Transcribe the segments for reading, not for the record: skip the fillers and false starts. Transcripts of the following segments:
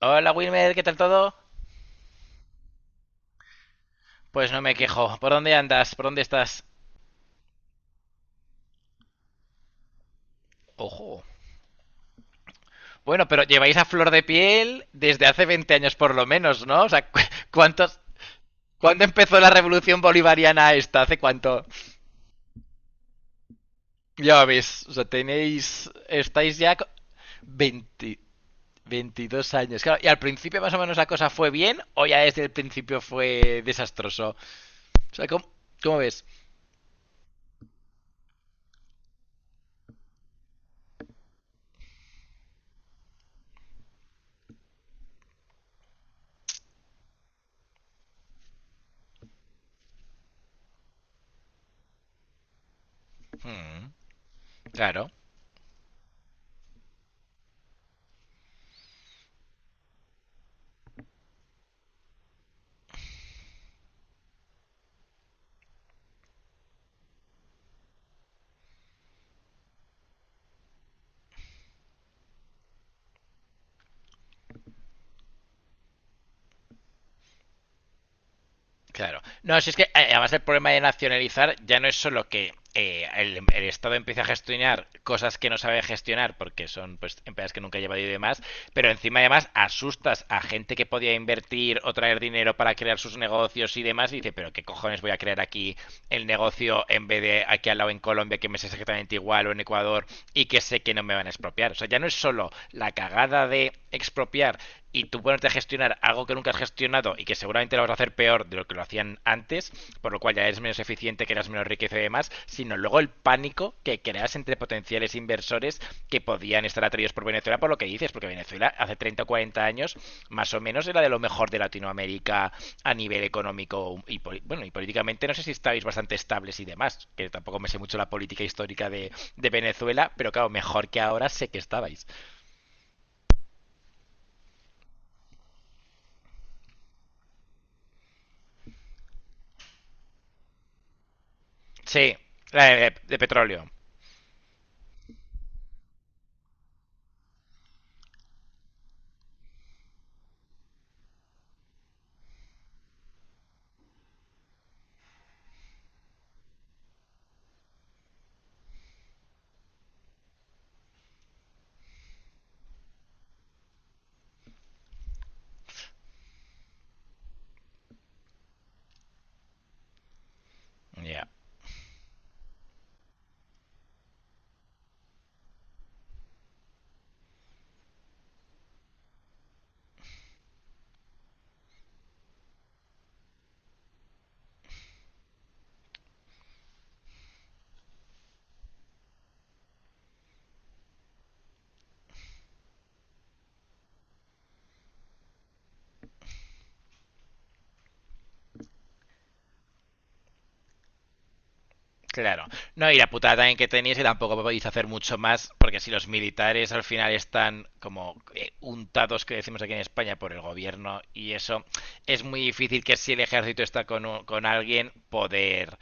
Hola Wilmer, ¿qué tal todo? Pues no me quejo. ¿Por dónde andas? ¿Por dónde estás? Ojo. Bueno, pero lleváis a flor de piel desde hace 20 años por lo menos, ¿no? O sea, ¿cuántos, ¿cuándo empezó la revolución bolivariana esta? ¿Hace cuánto? Ya veis, o sea, tenéis, estáis ya 20, 22 años. Claro, ¿y al principio más o menos la cosa fue bien o ya desde el principio fue desastroso? O sea, ¿Cómo ves? Mm, claro. Claro. No, si es que además el problema de nacionalizar ya no es solo que el Estado empiece a gestionar cosas que no sabe gestionar porque son pues empresas que nunca ha llevado y demás, pero encima además asustas a gente que podía invertir o traer dinero para crear sus negocios y demás y dice, pero qué cojones voy a crear aquí el negocio en vez de aquí al lado en Colombia que me es exactamente igual o en Ecuador y que sé que no me van a expropiar. O sea, ya no es solo la cagada de expropiar y tú ponerte a gestionar algo que nunca has gestionado y que seguramente lo vas a hacer peor de lo que lo hacían antes, por lo cual ya eres menos eficiente, que eras menos riqueza y demás, sino luego el pánico que creas entre potenciales inversores que podían estar atraídos por Venezuela por lo que dices, porque Venezuela hace 30 o 40 años más o menos era de lo mejor de Latinoamérica a nivel económico y, bueno, y políticamente no sé si estáis bastante estables y demás, que tampoco me sé mucho la política histórica de Venezuela, pero claro, mejor que ahora sé que estabais. Sí, de petróleo. Ya. Yeah. Claro. No, y la putada también que tenéis es que tampoco podéis hacer mucho más, porque si los militares al final están como untados, que decimos aquí en España, por el gobierno y eso, es muy difícil que si el ejército está con, con alguien, poder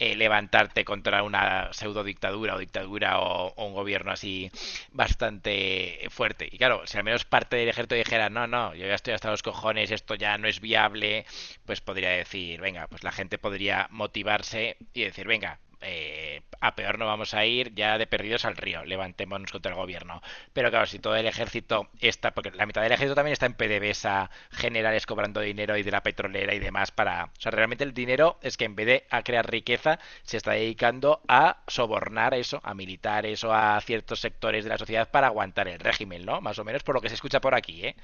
levantarte contra una pseudo dictadura o dictadura o un gobierno así bastante fuerte. Y claro, si al menos parte del ejército dijera, no, no, yo ya estoy hasta los cojones, esto ya no es viable, pues podría decir, venga, pues la gente podría motivarse y decir, venga, a peor no vamos a ir, ya de perdidos al río, levantémonos contra el gobierno. Pero claro, si todo el ejército está, porque la mitad del ejército también está en PDVSA, generales cobrando dinero y de la petrolera y demás para... O sea, realmente el dinero es que en vez de a crear riqueza, se está dedicando a sobornar eso, a militares o a ciertos sectores de la sociedad para aguantar el régimen, ¿no? Más o menos por lo que se escucha por aquí, ¿eh?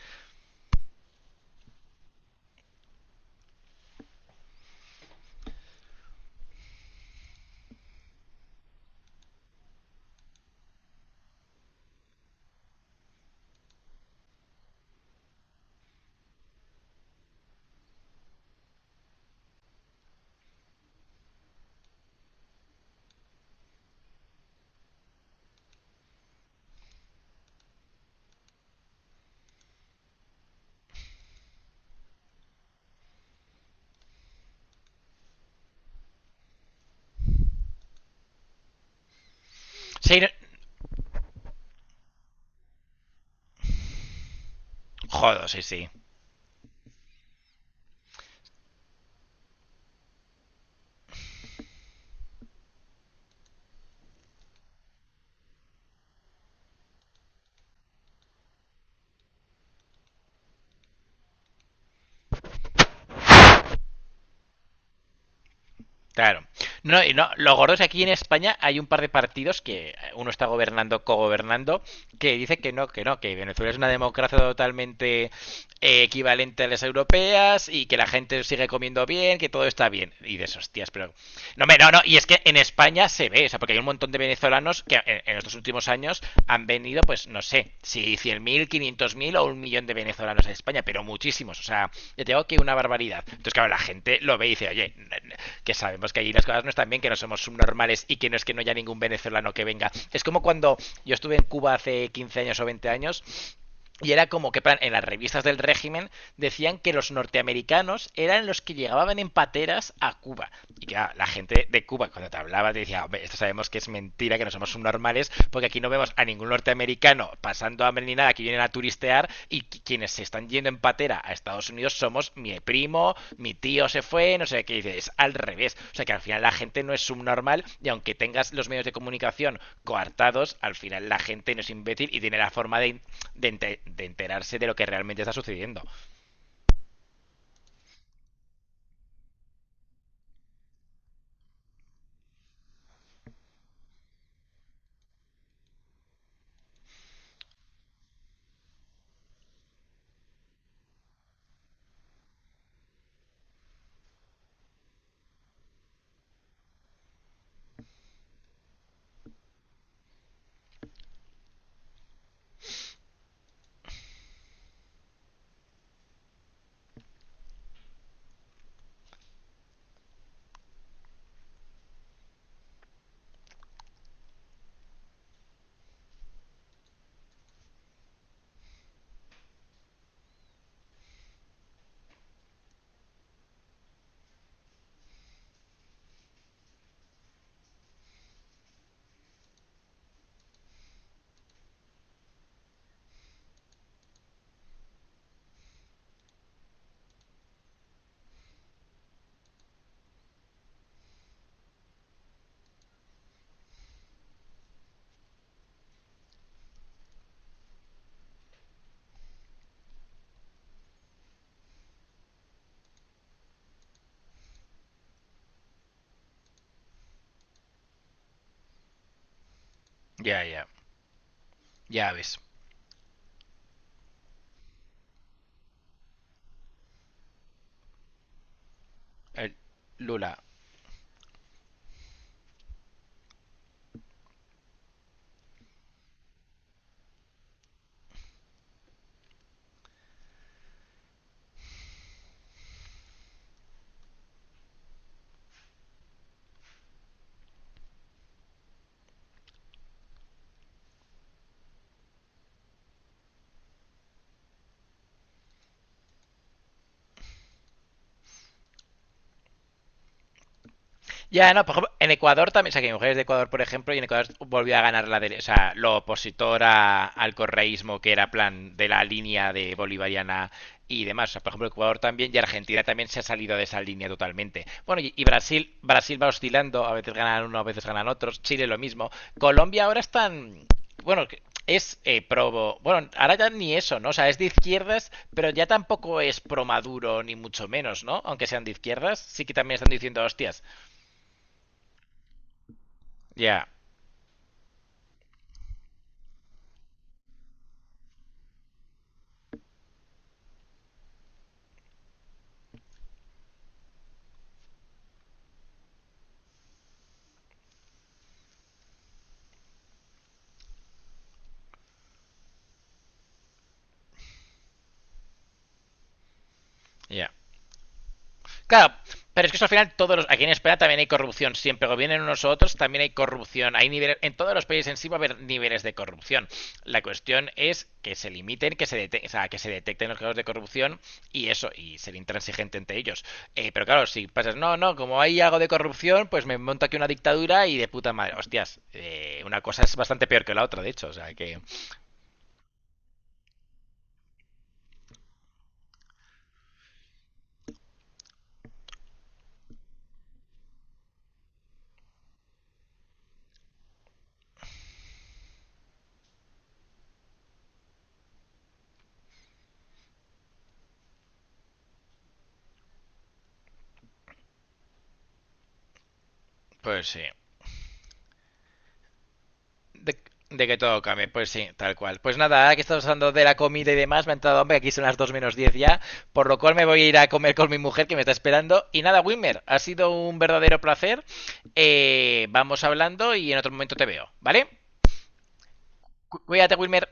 Sí, jodo, sí, sí. Claro. No, y no, lo gordo es que aquí en España hay un par de partidos que uno está gobernando, cogobernando, que dice que no, que no, que Venezuela es una democracia totalmente equivalente a las europeas y que la gente sigue comiendo bien, que todo está bien. Y de esos tías, pero. No, me, no, no, y es que en España se ve, o sea, porque hay un montón de venezolanos mexicanos que en estos últimos años han venido, pues no sé, si 100.000 500.000 o un millón de venezolanos a España, pero muchísimos. O sea, yo tengo que una barbaridad. Entonces, claro, la gente lo ve y dice, oye, que sabemos que allí las cosas no están bien, que no somos subnormales y que no es que no haya ningún venezolano que venga. Es como cuando yo estuve en Cuba hace 15 años o 20 años y era como que en las revistas del régimen decían que los norteamericanos eran los que llegaban en pateras a Cuba. Y claro, la gente de Cuba cuando te hablaba te decía, hombre, esto sabemos que es mentira, que no somos subnormales, porque aquí no vemos a ningún norteamericano pasando hambre ni nada, que vienen a turistear y quienes se están yendo en patera a Estados Unidos somos mi primo, mi tío se fue, no sé qué dices, es al revés. O sea que al final la gente no es subnormal y aunque tengas los medios de comunicación coartados, al final la gente no es imbécil y tiene la forma de enterarse de lo que realmente está sucediendo. Ya, ya, ya ves. El- Lula. Ya, no, por ejemplo, en Ecuador también, o sea, que mi mujer es de Ecuador, por ejemplo, y en Ecuador volvió a ganar la de, o sea, lo opositor al correísmo, que era plan de la línea de bolivariana y demás. O sea, por ejemplo, Ecuador también y Argentina también se ha salido de esa línea totalmente. Bueno, y Brasil, Brasil va oscilando, a veces ganan uno, a veces ganan otros, Chile lo mismo. Colombia ahora están, bueno, bueno, ahora ya ni eso, ¿no? O sea, es de izquierdas, pero ya tampoco es pro Maduro, ni mucho menos, ¿no? Aunque sean de izquierdas, sí que también están diciendo, hostias, ya, ya. Claro, pero es que eso al final aquí en España también hay corrupción. Siempre gobiernen unos u otros, también hay corrupción. Hay niveles, en todos los países en sí va a haber niveles de corrupción. La cuestión es que se limiten, o sea, que se detecten los casos de corrupción y eso, y ser intransigente entre ellos. Pero claro, si pasas, no, no, como hay algo de corrupción, pues me monto aquí una dictadura y de puta madre. Hostias, una cosa es bastante peor que la otra, de hecho. O sea que, pues sí. De, de que todo cambie, pues sí, tal cual. Pues nada, ahora que estamos hablando de la comida y demás, me ha entrado hambre, aquí son las 2 menos 10 ya, por lo cual me voy a ir a comer con mi mujer que me está esperando. Y nada, Wimmer, ha sido un verdadero placer. Vamos hablando y en otro momento te veo, ¿vale? Cuídate, Wilmer.